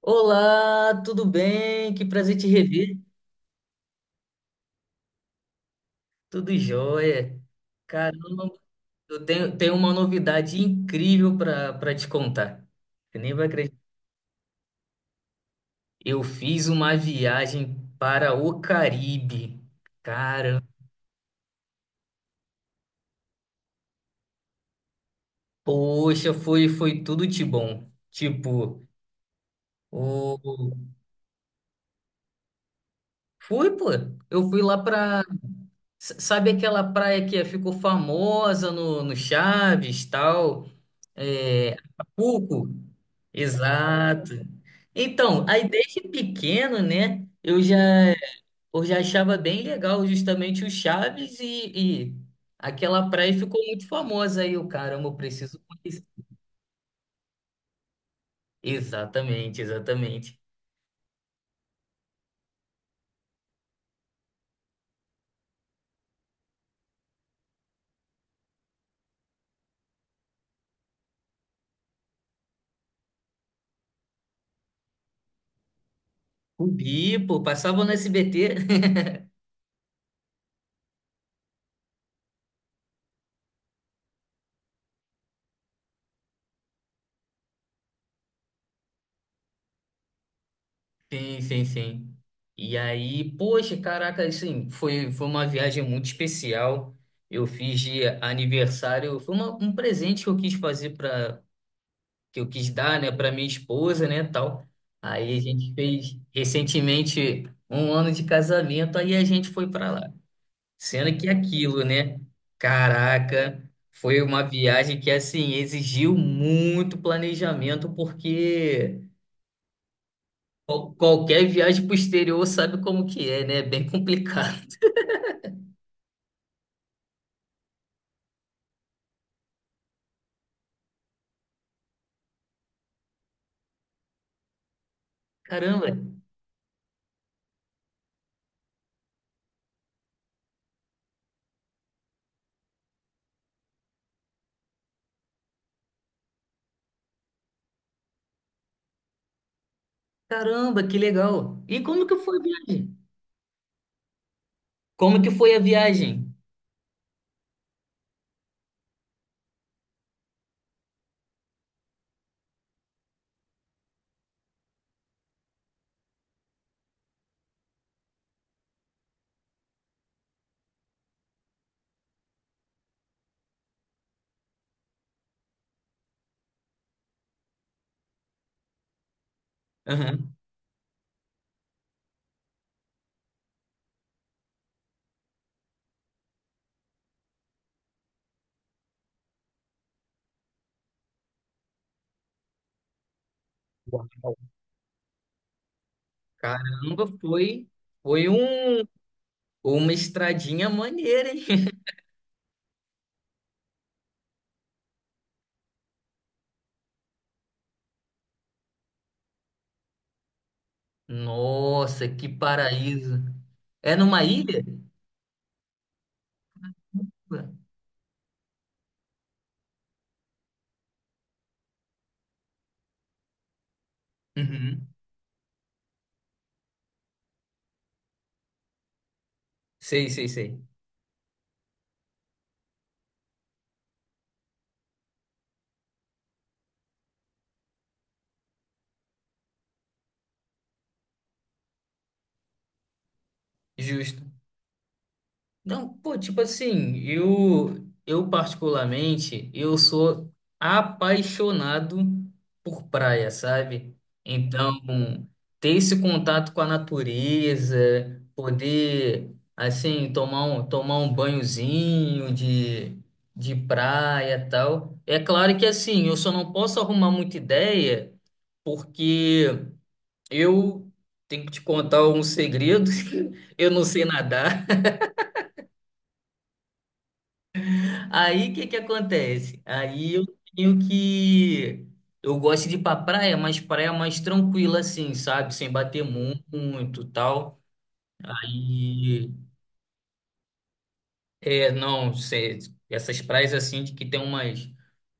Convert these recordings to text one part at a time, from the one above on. Olá, tudo bem? Que prazer te rever. Tudo jóia. Caramba, eu tenho uma novidade incrível para te contar. Você nem vai acreditar. Eu fiz uma viagem para o Caribe. Cara, poxa, foi tudo de bom. Tipo, o fui, pô. Eu fui lá para sabe aquela praia que é, ficou famosa no Chaves, tal? É, Acapulco? Exato. Então, aí desde pequeno, né, eu já achava bem legal justamente o Chaves e aquela praia ficou muito famosa aí, o caramba, eu preciso conhecer. Exatamente, exatamente. Cubi, pô, passava no SBT. Sim, sim, sim. E aí, poxa, caraca, assim, foi uma viagem muito especial. Eu fiz de aniversário, foi um presente que eu quis fazer para que eu quis dar, né, para minha esposa, né, tal. Aí a gente fez recentemente um ano de casamento, aí a gente foi para lá. Sendo que aquilo, né? Caraca, foi uma viagem que assim exigiu muito planejamento porque qualquer viagem pro exterior sabe como que é, né? É bem complicado. Caramba, caramba, que legal. E como que foi a viagem? Como que foi a viagem? Aham. Caramba, foi um, uma estradinha maneira, hein? Nossa, que paraíso. É numa ilha? Uhum. Sei, sei, sei. Justo. Não, pô, tipo assim, eu particularmente, eu sou apaixonado por praia, sabe? Então, ter esse contato com a natureza, poder, assim, tomar um banhozinho de praia e tal. É claro que, assim, eu só não posso arrumar muita ideia, porque eu tenho que te contar um segredo, eu não sei nadar. Aí o que que acontece? Aí eu tenho que. Eu gosto de ir pra praia, mas praia mais tranquila, assim, sabe? Sem bater muito tal. Aí. É, não, essas praias assim de que tem umas,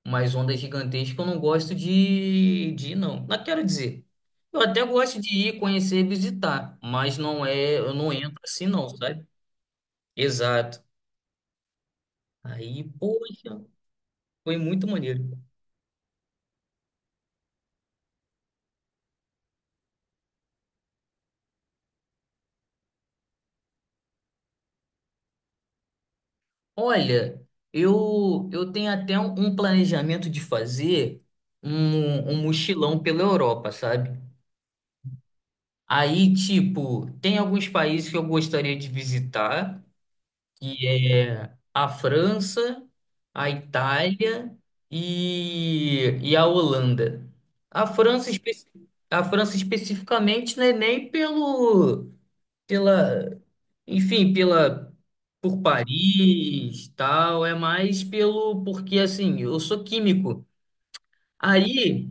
umas ondas gigantescas, eu não gosto de ir, não. Não quero dizer. Eu até gosto de ir, conhecer, visitar, mas não é. Eu não entro assim, não, sabe? Exato. Aí, poxa, foi muito maneiro. Olha, eu tenho até um planejamento de fazer um mochilão pela Europa, sabe? Aí, tipo, tem alguns países que eu gostaria de visitar, que é a França, a Itália e a Holanda. A França, espe- a França especificamente, né, nem pelo pela, enfim, pela por Paris, tal, é mais pelo porque assim, eu sou químico. Aí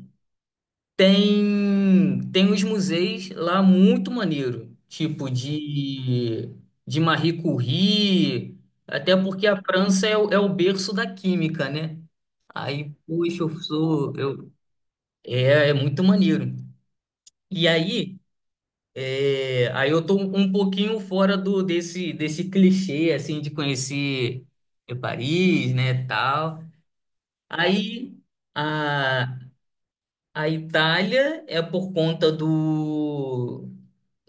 tem os museus lá muito maneiro, tipo de Marie Curie, até porque a França é o berço da química, né? Aí, poxa, é muito maneiro. E aí É, aí eu tô um pouquinho fora do desse desse clichê assim de conhecer é, Paris, né, tal. Aí a a Itália é por conta do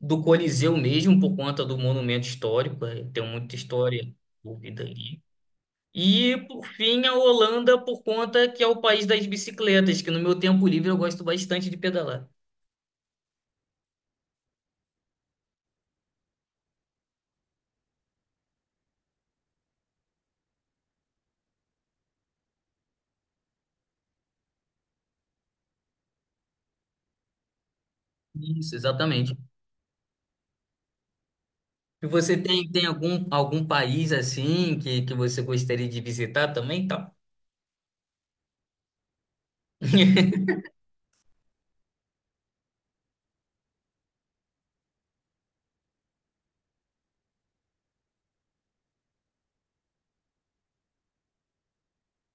do Coliseu mesmo, por conta do monumento histórico, é, tem muita história envolvida ali. E por fim a Holanda por conta que é o país das bicicletas, que no meu tempo livre eu gosto bastante de pedalar. Isso, exatamente. E você tem algum país assim que você gostaria de visitar também, tal?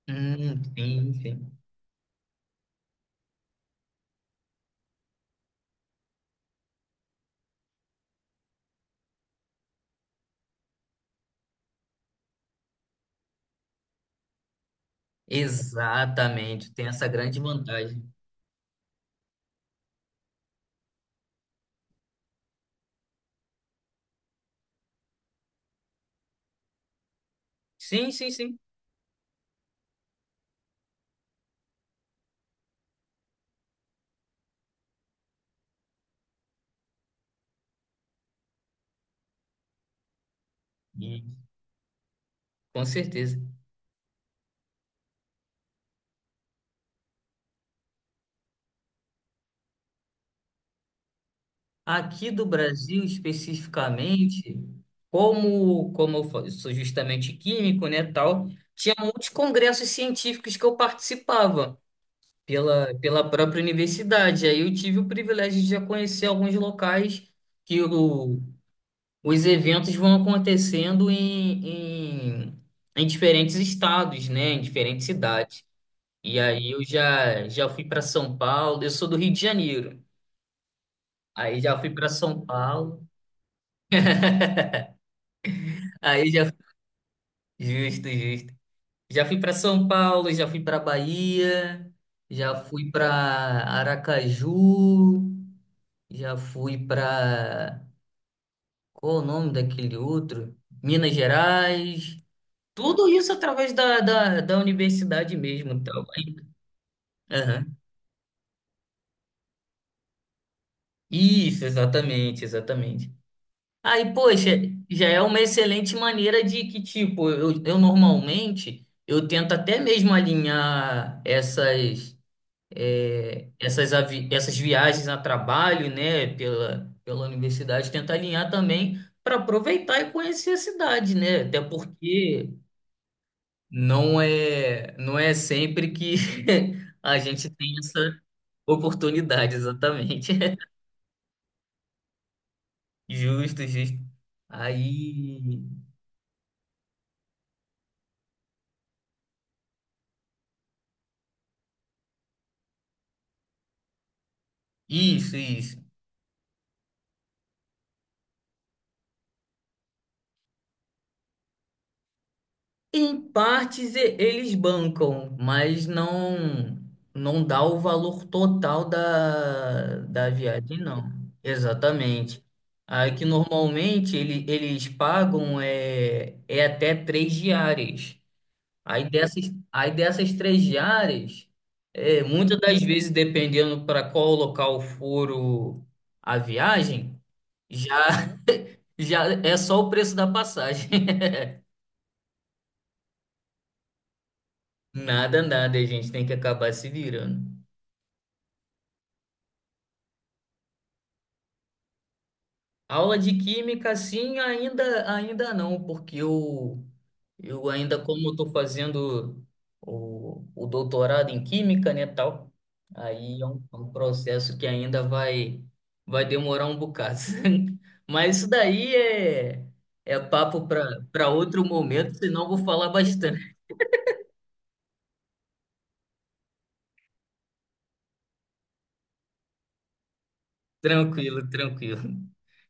Sim, sim. Exatamente, tem essa grande vantagem. Sim, sim, sim. Sim, com certeza. Aqui do Brasil, especificamente, como sou justamente químico, né, tal, tinha muitos congressos científicos que eu participava pela própria universidade. Aí eu tive o privilégio de já conhecer alguns locais que eu, os eventos vão acontecendo em diferentes estados, né? Em diferentes cidades. E aí eu já fui para São Paulo, eu sou do Rio de Janeiro. Aí já fui para São Paulo, aí já justo, justo. Já fui para São Paulo, já fui para Bahia, já fui para Aracaju, já fui para qual o nome daquele outro? Minas Gerais. Tudo isso através da universidade mesmo, então. Aham. Isso, exatamente, exatamente. Aí, poxa, já é uma excelente maneira de que, tipo, eu normalmente, eu tento até mesmo alinhar essas, é, essas viagens a trabalho, né, pela universidade, tento alinhar também para aproveitar e conhecer a cidade, né? Até porque não é sempre que a gente tem essa oportunidade, exatamente. Justo, justo. Aí. Isso, isso. Em partes eles bancam, mas não não dá o valor total da viagem, não. Exatamente. Aí que normalmente eles pagam é, é até três diárias. Aí dessas três diárias, é, muitas das vezes, dependendo para qual local for a viagem, já, já é só o preço da passagem. Nada, nada, a gente tem que acabar se virando. Aula de química, sim, ainda não, porque eu ainda, como eu estou fazendo o doutorado em química, né, tal, aí é um, processo que ainda vai demorar um bocado. Mas isso daí é papo para outro momento, senão eu vou falar bastante. Tranquilo, tranquilo.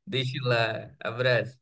Deixa lá. Abraço.